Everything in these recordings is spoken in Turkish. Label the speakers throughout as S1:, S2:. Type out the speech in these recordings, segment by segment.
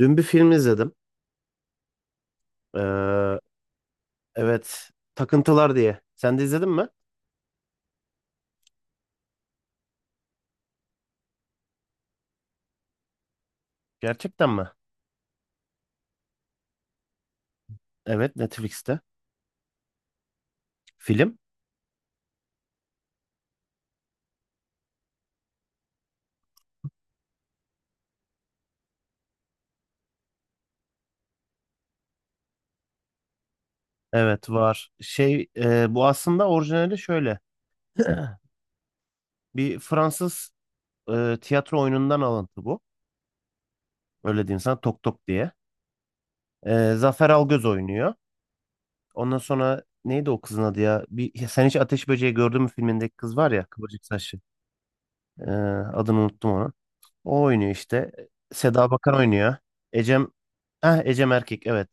S1: Dün bir film izledim. Ee, evet, Takıntılar diye. Sen de izledin mi? Gerçekten mi? Evet, Netflix'te. Film? Evet, var. Şey, bu aslında orijinali şöyle. Bir Fransız tiyatro oyunundan alıntı bu. Öyle diyeyim sana, Tok Tok diye. Zafer Algöz oynuyor. Ondan sonra neydi o kızın adı ya? Sen hiç Ateş Böceği gördün mü filmindeki kız var ya, kıvırcık saçlı. E, adını unuttum onu. O oynuyor işte. Seda Bakan oynuyor. Ecem Heh, Ecem Erkek evet.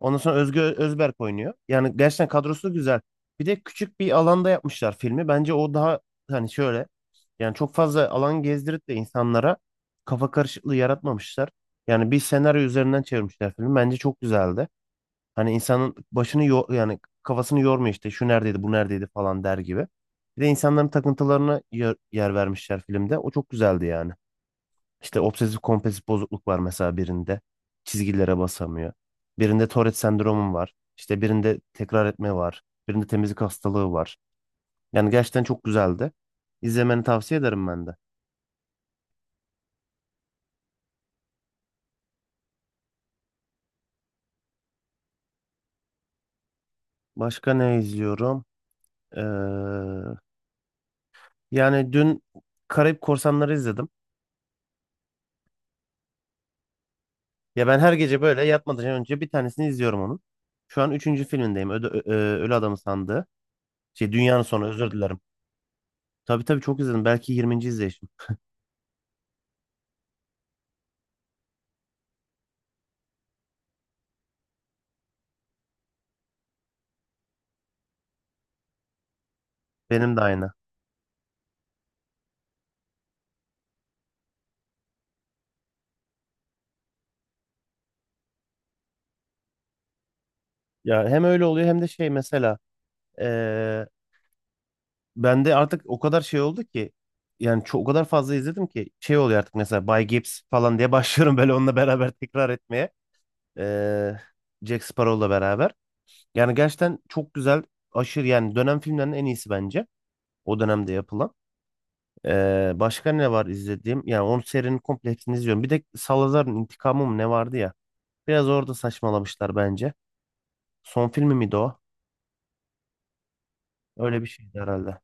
S1: Ondan sonra Özge Özberk oynuyor. Yani gerçekten kadrosu güzel. Bir de küçük bir alanda yapmışlar filmi. Bence o daha hani şöyle yani çok fazla alan gezdirip de insanlara kafa karışıklığı yaratmamışlar. Yani bir senaryo üzerinden çevirmişler filmi. Bence çok güzeldi. Hani insanın başını yani kafasını yormuyor işte şu neredeydi bu neredeydi falan der gibi. Bir de insanların takıntılarına yer vermişler filmde. O çok güzeldi yani. İşte obsesif kompulsif bozukluk var mesela birinde. Çizgilere basamıyor. Birinde Tourette sendromu var. İşte birinde tekrar etme var. Birinde temizlik hastalığı var. Yani gerçekten çok güzeldi. İzlemeni tavsiye ederim ben de. Başka ne izliyorum? Ee, yani dün Karayip Korsanları izledim. Ya ben her gece böyle yatmadan önce bir tanesini izliyorum onun. Şu an üçüncü filmindeyim. Ölü Adam'ın sandığı. Şey Dünyanın Sonu özür dilerim. Tabii tabii çok izledim. Belki 20. izleyişim. Benim de aynı. Ya hem öyle oluyor hem de şey mesela eee bende artık o kadar şey oldu ki yani o kadar fazla izledim ki şey oluyor artık mesela Bay Gibbs falan diye başlıyorum böyle onunla beraber tekrar etmeye. Eee Jack Sparrow'la beraber. Yani gerçekten çok güzel aşırı yani dönem filmlerinin en iyisi bence o dönemde yapılan. Başka ne var izlediğim? Yani onun serinin komple hepsini izliyorum. Bir de Salazar'ın intikamı mı ne vardı ya? Biraz orada saçmalamışlar bence. Son filmi miydi o? Öyle bir şeydi herhalde.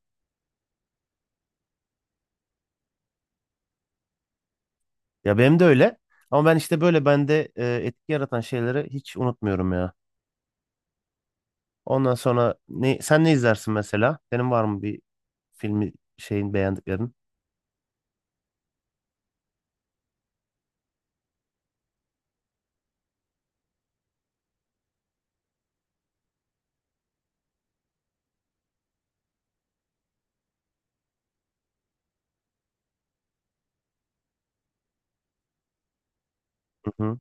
S1: Ya benim de öyle. Ama ben işte böyle bende etki yaratan şeyleri hiç unutmuyorum ya. Ondan sonra ne, sen ne izlersin mesela? Senin var mı bir filmi şeyin beğendiklerin? Hı hı.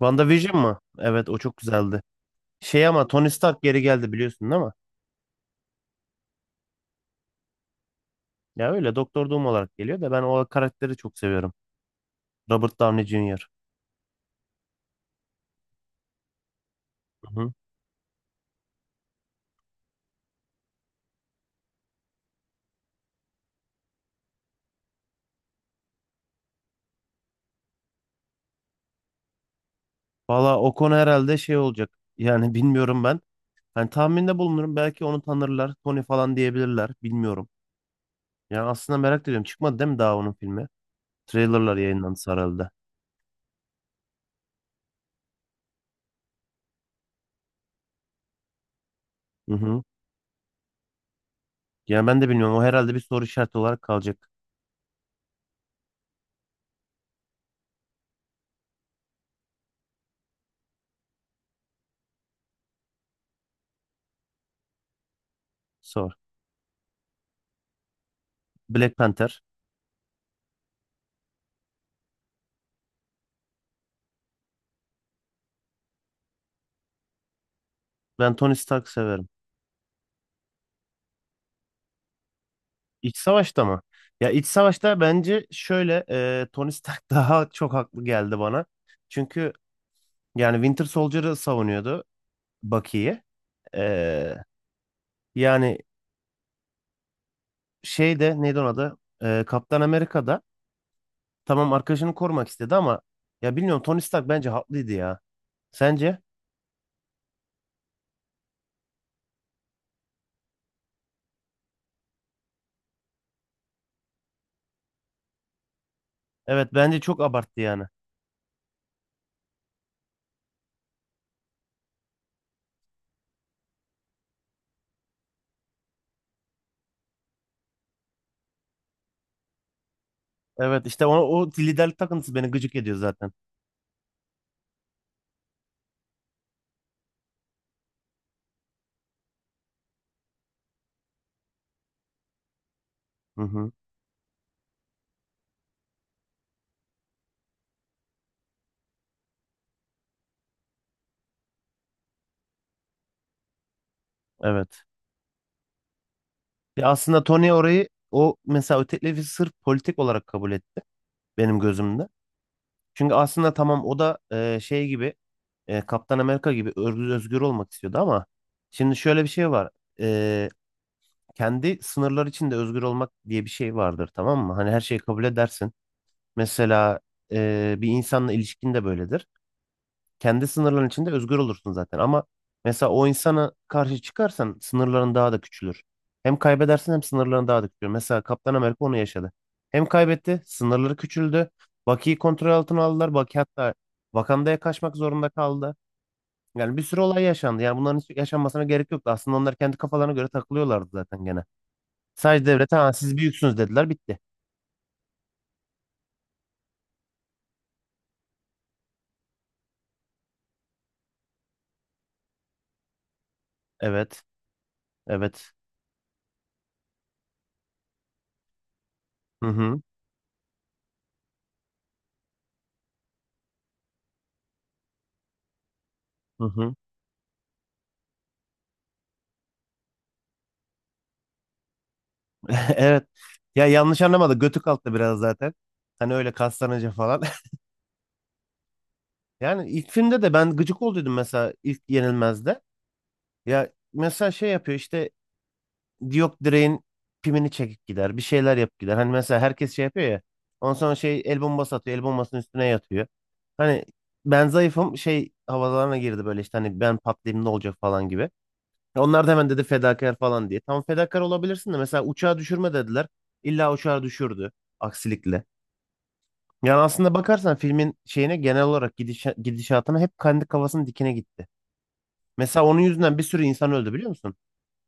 S1: WandaVision mı? Evet o çok güzeldi. Şey ama Tony Stark geri geldi biliyorsun değil mi? Ya öyle Doktor Doom olarak geliyor da ben o karakteri çok seviyorum. Robert Downey Jr. Hı hı. Valla o konu herhalde şey olacak. Yani bilmiyorum ben. Hani tahminde bulunurum belki onu tanırlar. Tony falan diyebilirler. Bilmiyorum. Ya aslında merak ediyorum. Çıkmadı değil mi daha onun filmi? Trailerlar yayınlandı sarıldı. Hı hı. Yani ben de bilmiyorum. O herhalde bir soru işareti olarak kalacak. Sor. Black Panther. Ben Tony Stark severim. İç Savaş'ta mı? Ya iç Savaş'ta bence şöyle Tony Stark daha çok haklı geldi bana. Çünkü yani Winter Soldier'ı savunuyordu Bucky'yi. E, yani şeyde neydi onun adı? Kaptan Amerika'da tamam arkadaşını korumak istedi ama ya bilmiyorum Tony Stark bence haklıydı ya. Sence? Evet bence çok abarttı yani. Evet işte o liderlik takıntısı beni gıcık ediyor zaten. Hı hı. Evet. Ya aslında Tony orayı o mesela o teklifi sırf politik olarak kabul etti benim gözümde. Çünkü aslında tamam o da şey gibi Kaptan Amerika gibi özgür olmak istiyordu ama şimdi şöyle bir şey var. E, kendi sınırlar içinde özgür olmak diye bir şey vardır tamam mı? Hani her şeyi kabul edersin. Mesela bir insanla ilişkin de böyledir. Kendi sınırların içinde özgür olursun zaten. Ama mesela o insana karşı çıkarsan sınırların daha da küçülür. Hem kaybedersin hem sınırların daha da küçülür. Mesela Kaptan Amerika onu yaşadı. Hem kaybetti, sınırları küçüldü. Bucky'yi kontrol altına aldılar. Bucky hatta Wakanda'ya kaçmak zorunda kaldı. Yani bir sürü olay yaşandı. Yani bunların hiç yaşanmasına gerek yoktu. Aslında onlar kendi kafalarına göre takılıyorlardı zaten gene. Sadece devlete ha, siz büyüksünüz dediler bitti. Evet. Evet. Hı hı. Hı hı. Evet. Ya yanlış anlamadı. Götü kalktı biraz zaten. Hani öyle kaslanınca falan. Yani ilk filmde de ben gıcık olduydum mesela ilk Yenilmez'de. Ya mesela şey yapıyor işte yok direğin pimini çekip gider. Bir şeyler yapıp gider. Hani mesela herkes şey yapıyor ya. Ondan sonra şey el bombası atıyor. El bombasının üstüne yatıyor. Hani ben zayıfım şey havalarına girdi böyle işte hani ben patlayayım ne olacak falan gibi. Ya onlar da hemen dedi fedakar falan diye. Tamam fedakar olabilirsin de mesela uçağı düşürme dediler. İlla uçağı düşürdü aksilikle. Yani aslında bakarsan filmin şeyine genel olarak gidişatına hep kendi kafasının dikine gitti. Mesela onun yüzünden bir sürü insan öldü biliyor musun?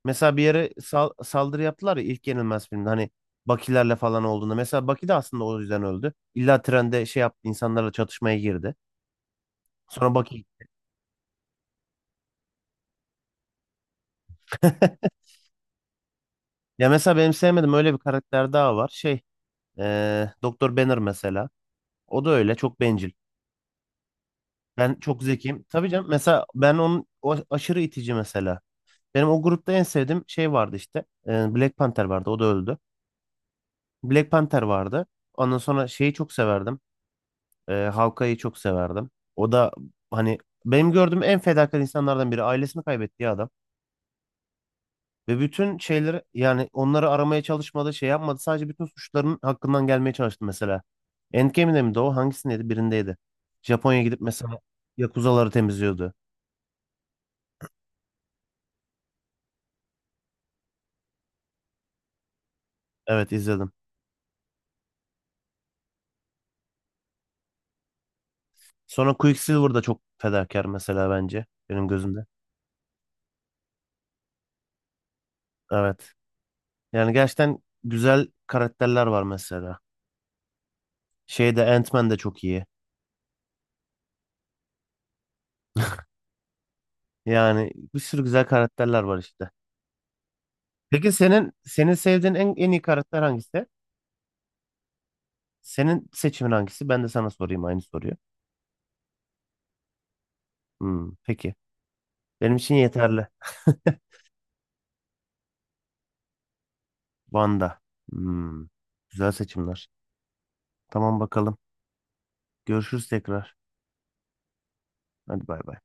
S1: Mesela bir yere saldırı yaptılar ya ilk Yenilmez filmde hani Bakilerle falan olduğunda. Mesela Baki de aslında o yüzden öldü. İlla trende şey yaptı insanlarla çatışmaya girdi. Sonra Baki. Ya mesela benim sevmediğim öyle bir karakter daha var. Şey Doktor Banner mesela. O da öyle çok bencil. Ben çok zekiyim. Tabii canım mesela ben onun o aşırı itici mesela. Benim o grupta en sevdiğim şey vardı işte. Black Panther vardı. O da öldü. Black Panther vardı. Ondan sonra şeyi çok severdim. Hawkeye'yi çok severdim. O da hani benim gördüğüm en fedakar insanlardan biri. Ailesini kaybettiği adam. Ve bütün şeyleri yani onları aramaya çalışmadı, şey yapmadı. Sadece bütün suçların hakkından gelmeye çalıştı mesela. Endgame'de miydi o? Hangisindeydi? Birindeydi. Japonya'ya gidip mesela Yakuzaları temizliyordu. Evet izledim. Sonra Quicksilver da çok fedakar mesela bence benim gözümde. Evet. Yani gerçekten güzel karakterler var mesela. Şeyde Ant-Man de çok iyi. Yani bir sürü güzel karakterler var işte. Peki senin sevdiğin en iyi karakter hangisi? Senin seçimin hangisi? Ben de sana sorayım aynı soruyu. Hmm, peki. Benim için yeterli. Wanda. Hmm, güzel seçimler. Tamam bakalım. Görüşürüz tekrar. Hadi bay bay.